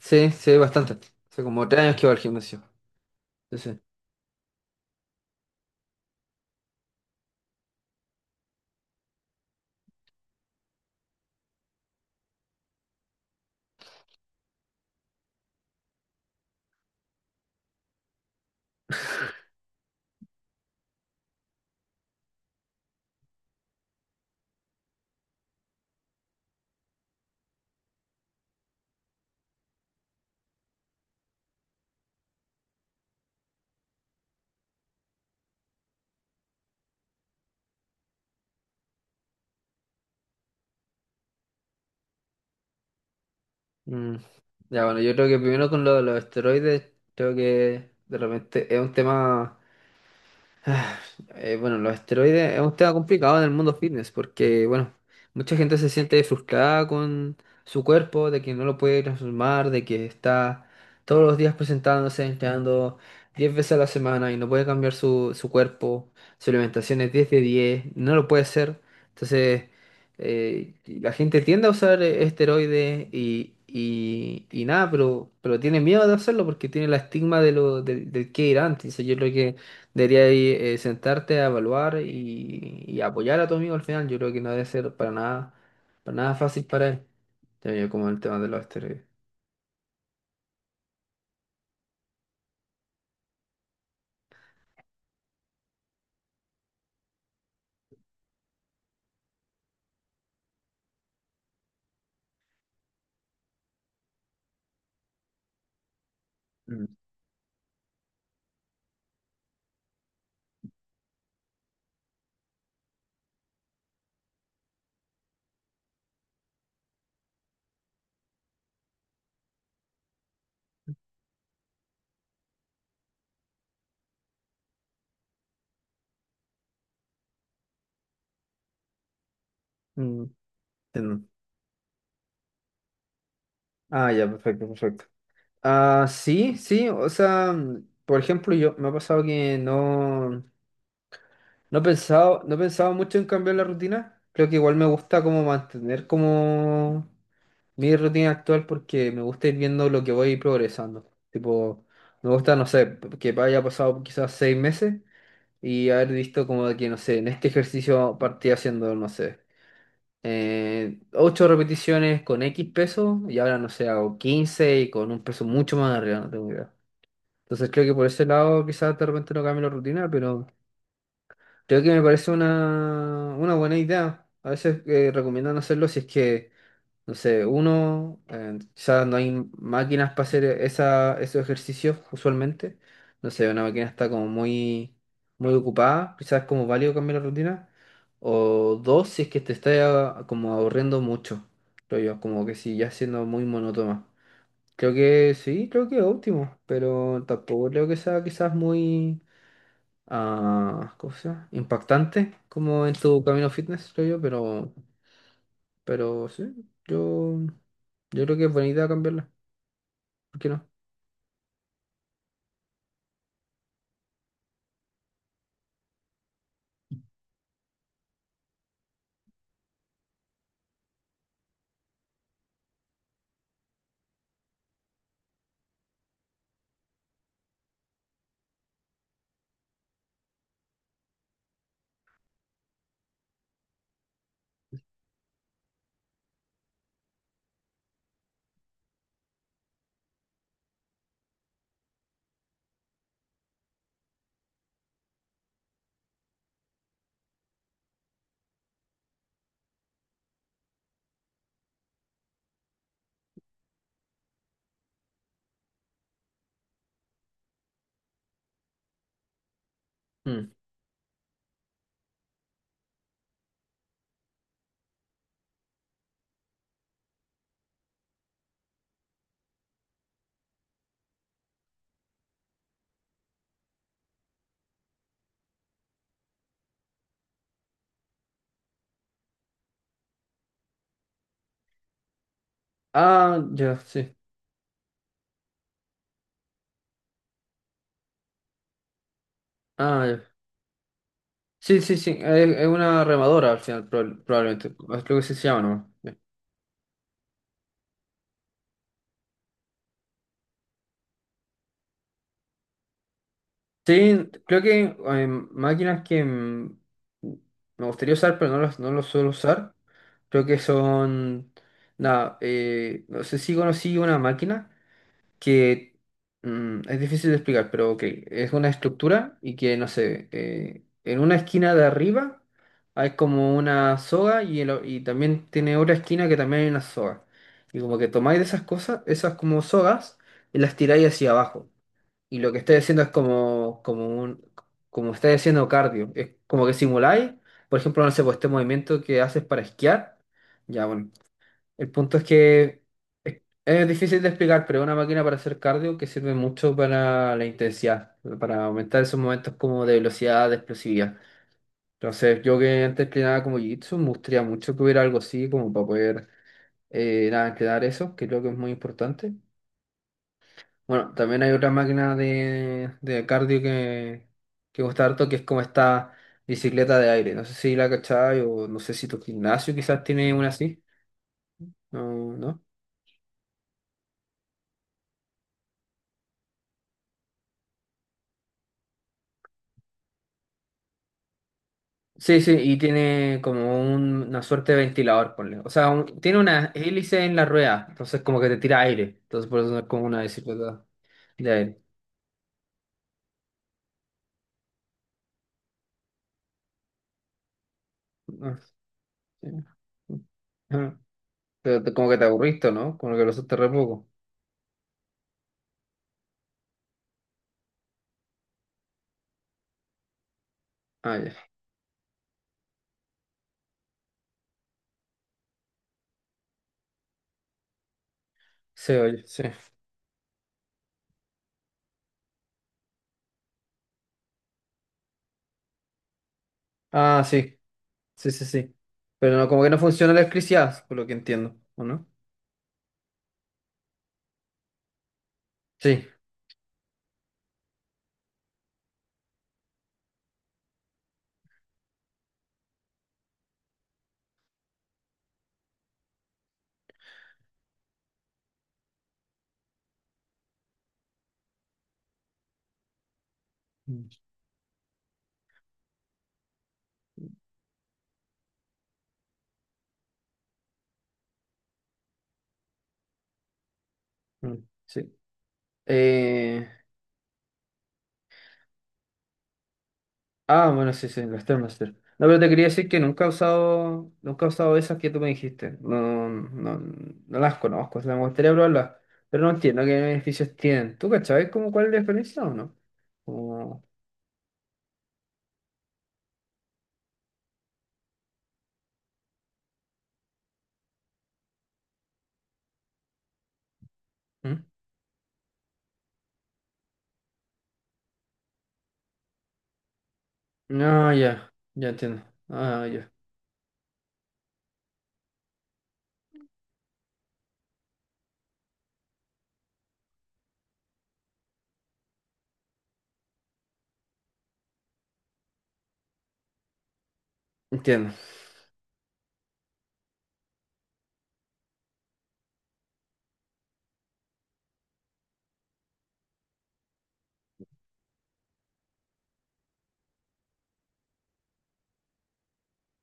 Sí, sí, bastante. Hace como 3 años que voy al gimnasio. Sí, sí. Mm. Ya, bueno, yo creo que primero con lo de los esteroides, creo que de repente es un tema. Bueno, los esteroides es un tema complicado en el mundo fitness porque, bueno, mucha gente se siente frustrada con su cuerpo, de que no lo puede transformar, de que está todos los días presentándose, entrenando 10 veces a la semana y no puede cambiar su cuerpo, su alimentación es 10 de 10 no lo puede hacer. Entonces, la gente tiende a usar esteroides y nada, pero tiene miedo de hacerlo porque tiene la estigma de lo, del que irán. Entonces, yo creo que debería ir, sentarte a evaluar y apoyar a tu amigo al final. Yo creo que no debe ser para nada fácil para él. Ya veo como el tema de los esteroides. Mm, mm, entiendo. Ah, ya, perfecto, perfecto. Ah, sí, sí, o sea, por ejemplo, yo me ha pasado que no he pensado, mucho en cambiar la rutina. Creo que igual me gusta como mantener como mi rutina actual porque me gusta ir viendo lo que voy progresando. Tipo, me gusta, no sé, que haya pasado quizás 6 meses y haber visto como de que, no sé, en este ejercicio partí haciendo, no sé, 8 repeticiones con X peso y ahora, no sé, hago 15 y con un peso mucho más arriba, no tengo idea. Entonces creo que por ese lado quizás de repente no cambie la rutina, pero creo que me parece una buena idea. A veces recomiendan hacerlo si es que no sé, uno, quizás no hay máquinas para hacer esos ejercicios usualmente. No sé, una máquina está como muy, muy ocupada, quizás es como válido cambiar la rutina. O dos, si es que te está como aburriendo mucho, creo yo, como que si ya siendo muy monótona. Creo que sí, creo que es óptimo, pero tampoco creo que sea quizás muy, ¿cómo se llama? Impactante como en tu camino fitness, creo yo, pero sí, yo, yo creo que es buena idea cambiarla. ¿Por qué no? Mm. Ah, ya, sí. Ah, ya. Sí, sí, sí. Es una remadora al final, probablemente. Es lo que se llama, ¿no? Sí, creo que máquinas que me gustaría usar, pero no las suelo usar. Creo que son. Nada, no sé si conocí una máquina que es difícil de explicar, pero ok, es una estructura y que, no sé, en una esquina de arriba hay como una soga y también tiene otra esquina que también hay una soga. Y como que tomáis de esas cosas, esas como sogas, y las tiráis hacia abajo. Y lo que estáis haciendo es como estáis haciendo cardio. Es como que simuláis, por ejemplo, no sé, pues este movimiento que haces para esquiar. Ya, bueno, el punto es que es difícil de explicar, pero es una máquina para hacer cardio que sirve mucho para la intensidad, para aumentar esos momentos como de velocidad, de explosividad. Entonces, yo que antes entrenaba como Jiu-Jitsu, me gustaría mucho que hubiera algo así como para poder nada, entrenar eso, que creo que es muy importante. Bueno, también hay otra máquina de cardio que me gusta harto, que es como esta bicicleta de aire. No sé si la cachai o no sé si tu gimnasio quizás tiene una así. No, ¿no? Sí, sí, y tiene como una suerte de ventilador, ponle. O sea, tiene una hélice en la rueda, entonces como que te tira aire. Entonces por eso no es como una bicicleta de aire. Ah, sí. Ajá. Pero como que te aburriste, ¿no? Como que lo usaste re poco. Ah, ya. Sí, oye, sí. Ah, sí. Sí, sí, sí. Pero no, como que no funciona la electricidad, por lo que entiendo, ¿o no? Sí. Mm, mm, sí. Eh, Ah, bueno, sí, sí, la Stairmaster. No, pero te quería decir que nunca he usado esas que tú me dijiste. No, no, no las conozco, o sea, me gustaría probarlas, pero no entiendo qué beneficios tienen. ¿Tú cachabas como cuál es la diferencia o no? Como... ¿Mm? No, ya, ya entiendo. Ah, ya, entiendo.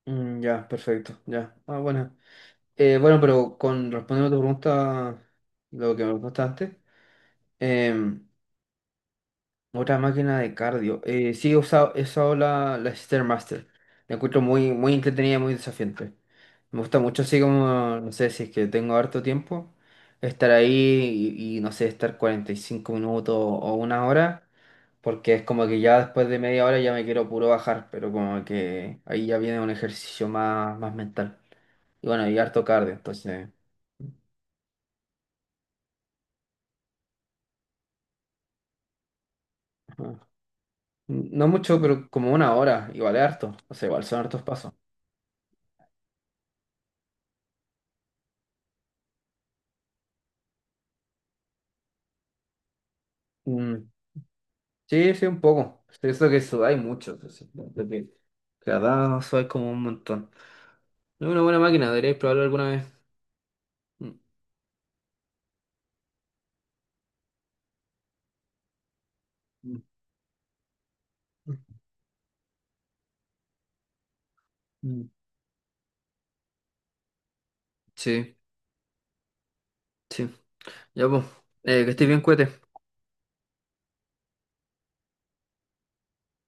Mm, ya, perfecto, ya. Ah, bueno. Bueno, pero con respondiendo a tu pregunta, lo que me preguntaste antes, otra máquina de cardio. Sí, he usado la Stairmaster. La encuentro muy, muy entretenida y muy desafiante. Me gusta mucho así como, no sé, si es que tengo harto tiempo, estar ahí y, no sé, estar 45 minutos o una hora, porque es como que ya después de media hora ya me quiero puro bajar, pero como que ahí ya viene un ejercicio más, más mental. Y bueno, y harto cardio, entonces... Ajá. No mucho, pero como una hora, igual es harto. O sea, igual son hartos pasos. Mm. Sí, sí, un poco. Eso que eso hay muchos entonces, de que cada eso hay como un montón. Es una buena máquina, deberíais probarlo alguna vez. Mm, mm, mm. Sí, sí. Ya, pues. Que estés bien, cuete.